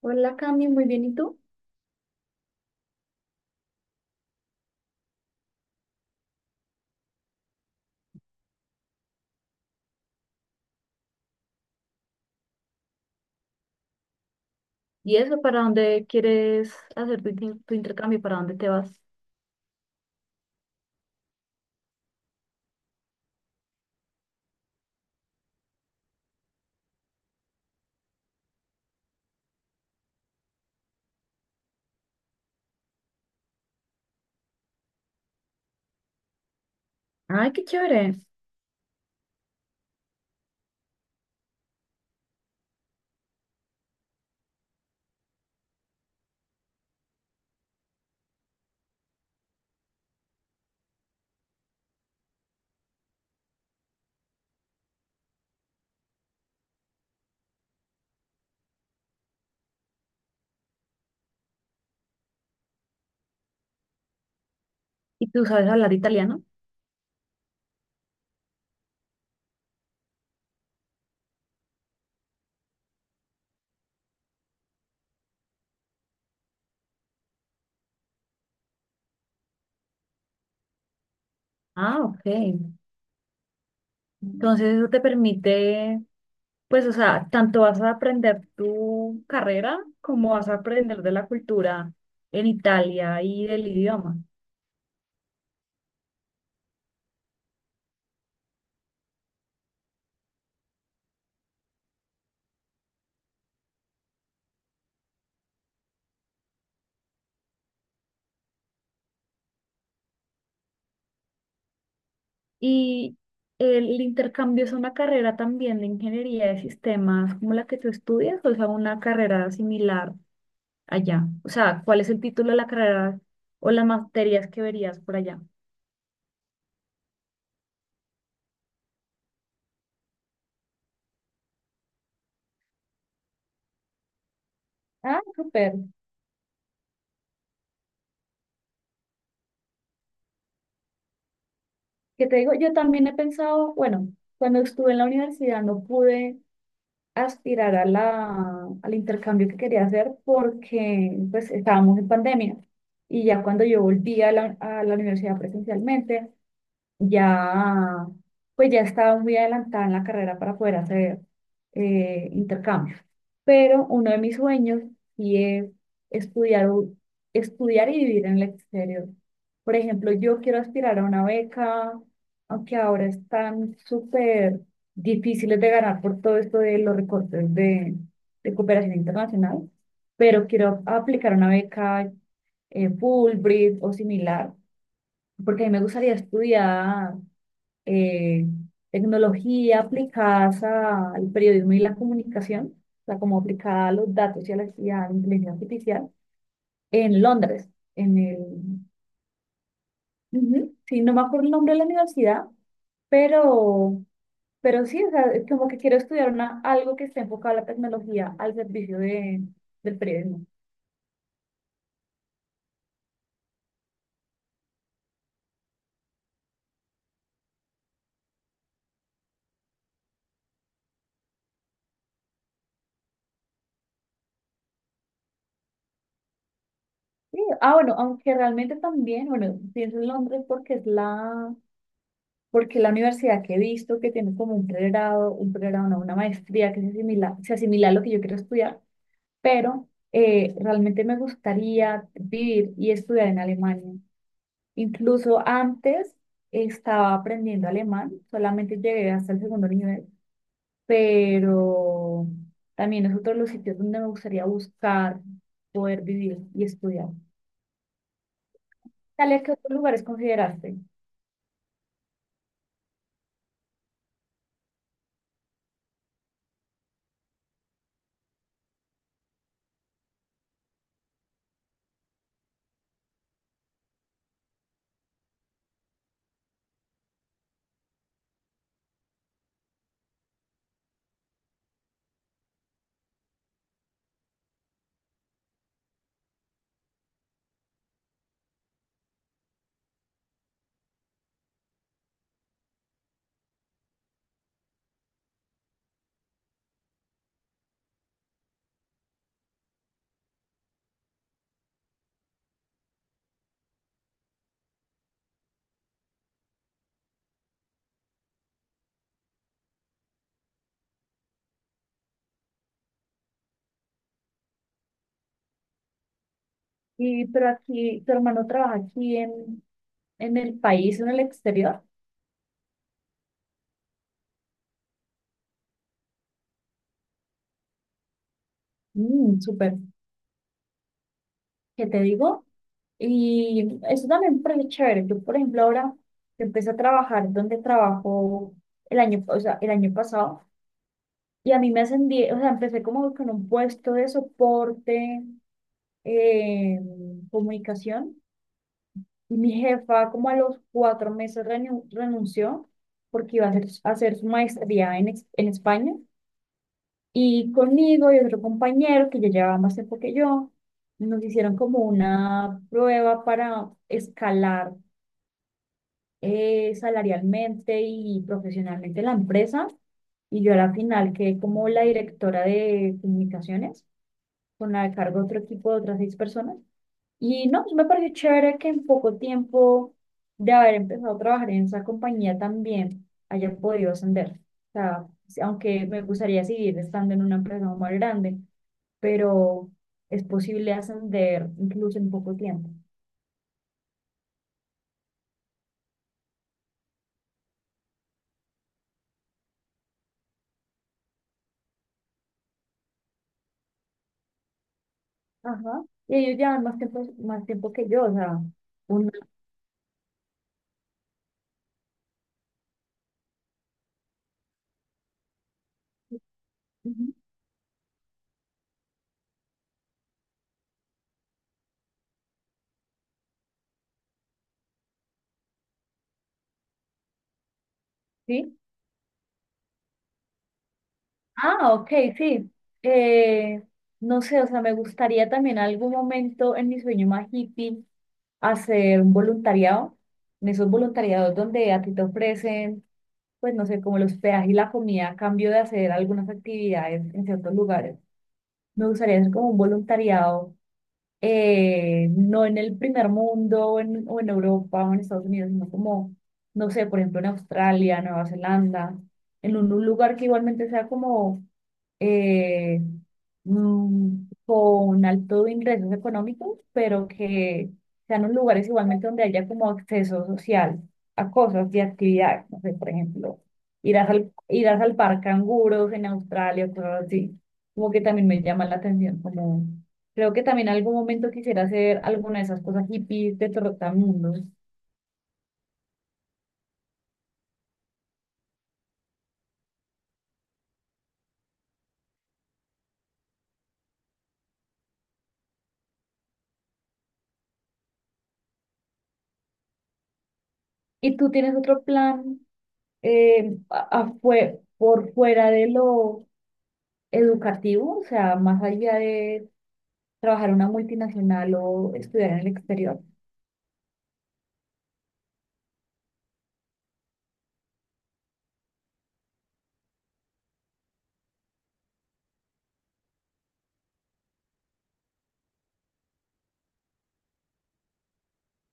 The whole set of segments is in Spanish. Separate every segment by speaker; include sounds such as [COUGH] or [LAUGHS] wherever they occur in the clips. Speaker 1: Hola Cami, muy bien, ¿y tú? ¿Y eso para dónde quieres hacer tu intercambio? ¿Para dónde te vas? Ay, qué chévere. ¿Y tú sabes hablar italiano? Ah, ok. Mm. Entonces eso te permite, pues, o sea, tanto vas a aprender tu carrera como vas a aprender de la cultura en Italia y del idioma. Y el intercambio es una carrera también de ingeniería de sistemas como la que tú estudias, o sea, una carrera similar allá? O sea, ¿cuál es el título de la carrera o las materias que verías por allá? Ah, súper. Que te digo, yo también he pensado, bueno, cuando estuve en la universidad no pude aspirar a al intercambio que quería hacer porque pues estábamos en pandemia. Y ya cuando yo volví a la universidad presencialmente, ya, pues ya estaba muy adelantada en la carrera para poder hacer intercambios. Pero uno de mis sueños sí es estudiar, u- estudiar y vivir en el exterior. Por ejemplo, yo quiero aspirar a una beca, aunque ahora están súper difíciles de ganar por todo esto de los recortes de cooperación internacional, pero quiero aplicar una beca Fulbright o similar, porque a mí me gustaría estudiar eh, tecnología aplicadas al periodismo y la comunicación, o sea, como aplicada a los datos y a la inteligencia artificial, en Londres, en el, ujú, sí, no me acuerdo el nombre de la universidad, pero, pero sí, o sea, es como que quiero estudiar una, algo que esté enfocado a la tecnología al servicio de, del periodismo. Sí, ah, bueno, aunque realmente también, bueno, pienso en Londres porque es la, porque la universidad que he visto que tiene como un pregrado, no, una maestría que se asimila a lo que yo quiero estudiar, pero realmente me gustaría vivir y estudiar en Alemania. Incluso antes estaba aprendiendo alemán, solamente llegué hasta el segundo nivel, pero también es otro de los sitios donde me gustaría buscar poder vivir y estudiar. Talia, ¿qué otros lugares consideraste? Y, pero aquí, tu hermano trabaja aquí en el país o en el exterior. Mm, súper. ¿Qué te digo? Y eso también me parece chévere. Yo, por ejemplo, ahora empecé a trabajar donde trabajo el año, o sea, el año pasado y a mí me ascendí, o sea, empecé como con un puesto de soporte, eh, comunicación y mi jefa como a los cuatro meses renunció porque iba a hacer su maestría en España. Y conmigo y otro compañero que ya llevaba más tiempo que yo, nos hicieron como una prueba para escalar salarialmente y profesionalmente la empresa. Y yo a la final quedé como la directora de comunicaciones, con la cargo de otro equipo de otras seis personas. Y no, pues me pareció chévere que en poco tiempo de haber empezado a trabajar en esa compañía también haya podido ascender. O sea, sí, aunque me gustaría seguir estando en una empresa más grande, pero es posible ascender incluso en poco tiempo. Ajá. Y ellos llevan más tiempo que yo, o sea, un... Ujú. ¿Sí? Ah, ok, sí. Eh, no sé, o sea, me gustaría también algún momento en mi sueño más hippie hacer un voluntariado, en esos voluntariados donde a ti te ofrecen, pues no sé, como los hospedaje y la comida a cambio de hacer algunas actividades en ciertos lugares. Me gustaría hacer como un voluntariado, no en el primer mundo o en Europa o en Estados Unidos, sino como, no sé, por ejemplo, en Australia, Nueva Zelanda, en un lugar que igualmente sea como eh, con altos ingresos económicos, pero que sean los lugares igualmente donde haya como acceso social a cosas y actividades. No sé, por ejemplo, irás al par canguros en Australia, cosas así. Como que también me llama la atención, como creo que también en algún momento quisiera hacer alguna de esas cosas hippies de trotamundos. ¿Y tú tienes otro plan por fuera de lo educativo, o sea, más allá de trabajar en una multinacional o estudiar en el exterior?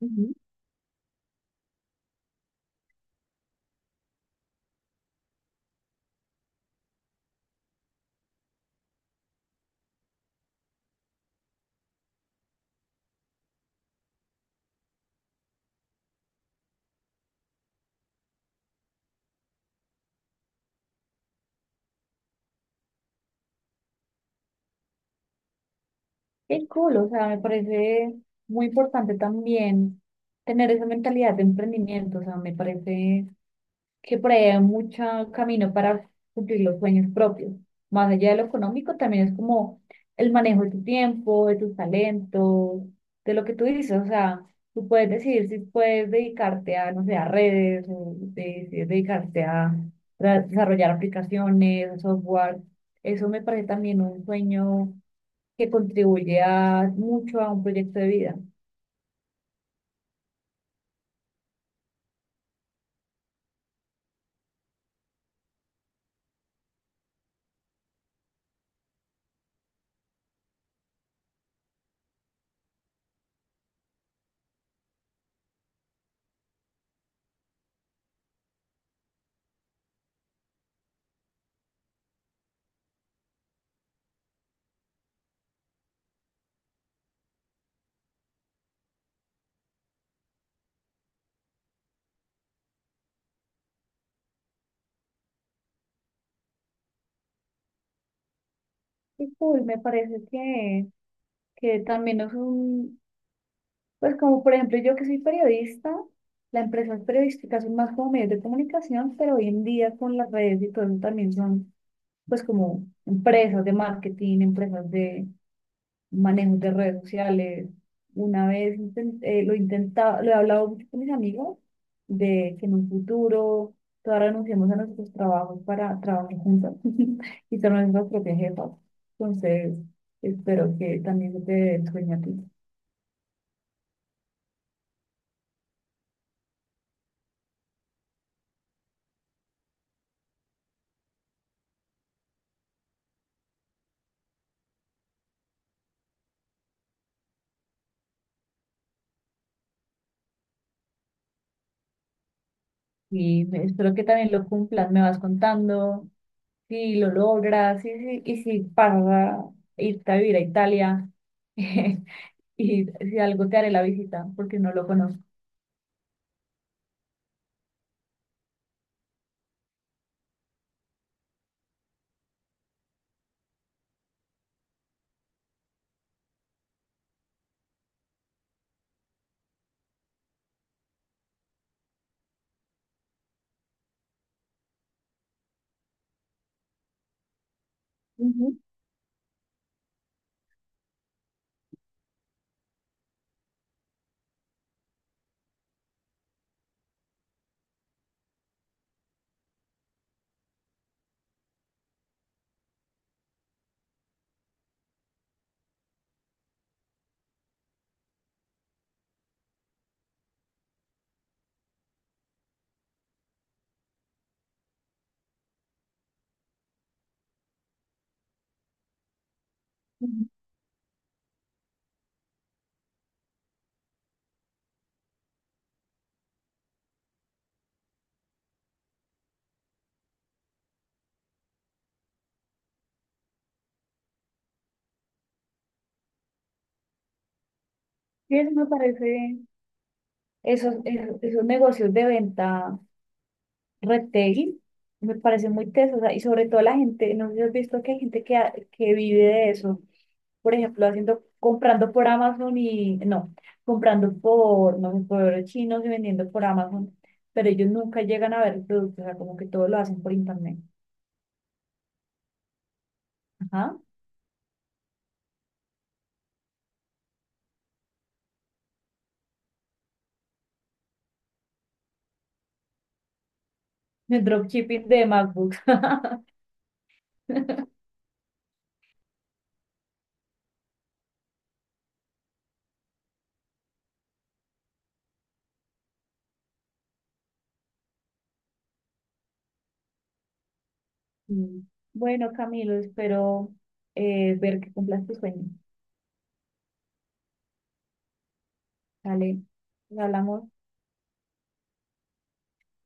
Speaker 1: Ujú. Qué cool, o sea, me parece muy importante también tener esa mentalidad de emprendimiento, o sea, me parece que por ahí hay mucho camino para cumplir los sueños propios. Más allá de lo económico, también es como el manejo de tu tiempo, de tus talentos, de lo que tú dices. O sea, tú puedes decidir si puedes dedicarte a, no sé, a redes, o si dedicarte a desarrollar aplicaciones, software. Eso me parece también un sueño que contribuye mucho a un proyecto de vida. Y cool, me parece que también es un, pues como por ejemplo yo que soy periodista, las empresas periodísticas son más como medios de comunicación, pero hoy en día con las redes y todo eso también son pues como empresas de marketing, empresas de manejo de redes sociales. Una vez lo intentaba, lo he hablado mucho con mis amigos de que en un futuro todas renunciamos a nuestros trabajos para trabajar juntas [LAUGHS] y ser nuestras propias jefas. Entonces, espero que también se te dé el sueño a ti. Y espero que también lo cumplas, me vas contando si lo logras si y si pasas a irte a vivir a Italia [LAUGHS] y si algo te haré la visita porque no lo conozco. Ujú, ujú. Sí, eso me parece, esos negocios de venta retail me parecen muy tesos, o sea, y sobre todo la gente, no sé si has visto que hay gente que, que vive de eso, por ejemplo, haciendo, comprando por Amazon y, no, comprando por, no sé, por chinos y vendiendo por Amazon, pero ellos nunca llegan a ver el producto, o sea, como que todo lo hacen por internet. Ajá. El dropshipping de MacBooks. [LAUGHS] Mm. Bueno, Camilo, espero ver que cumplas tu sueño. Dale, nos hablamos.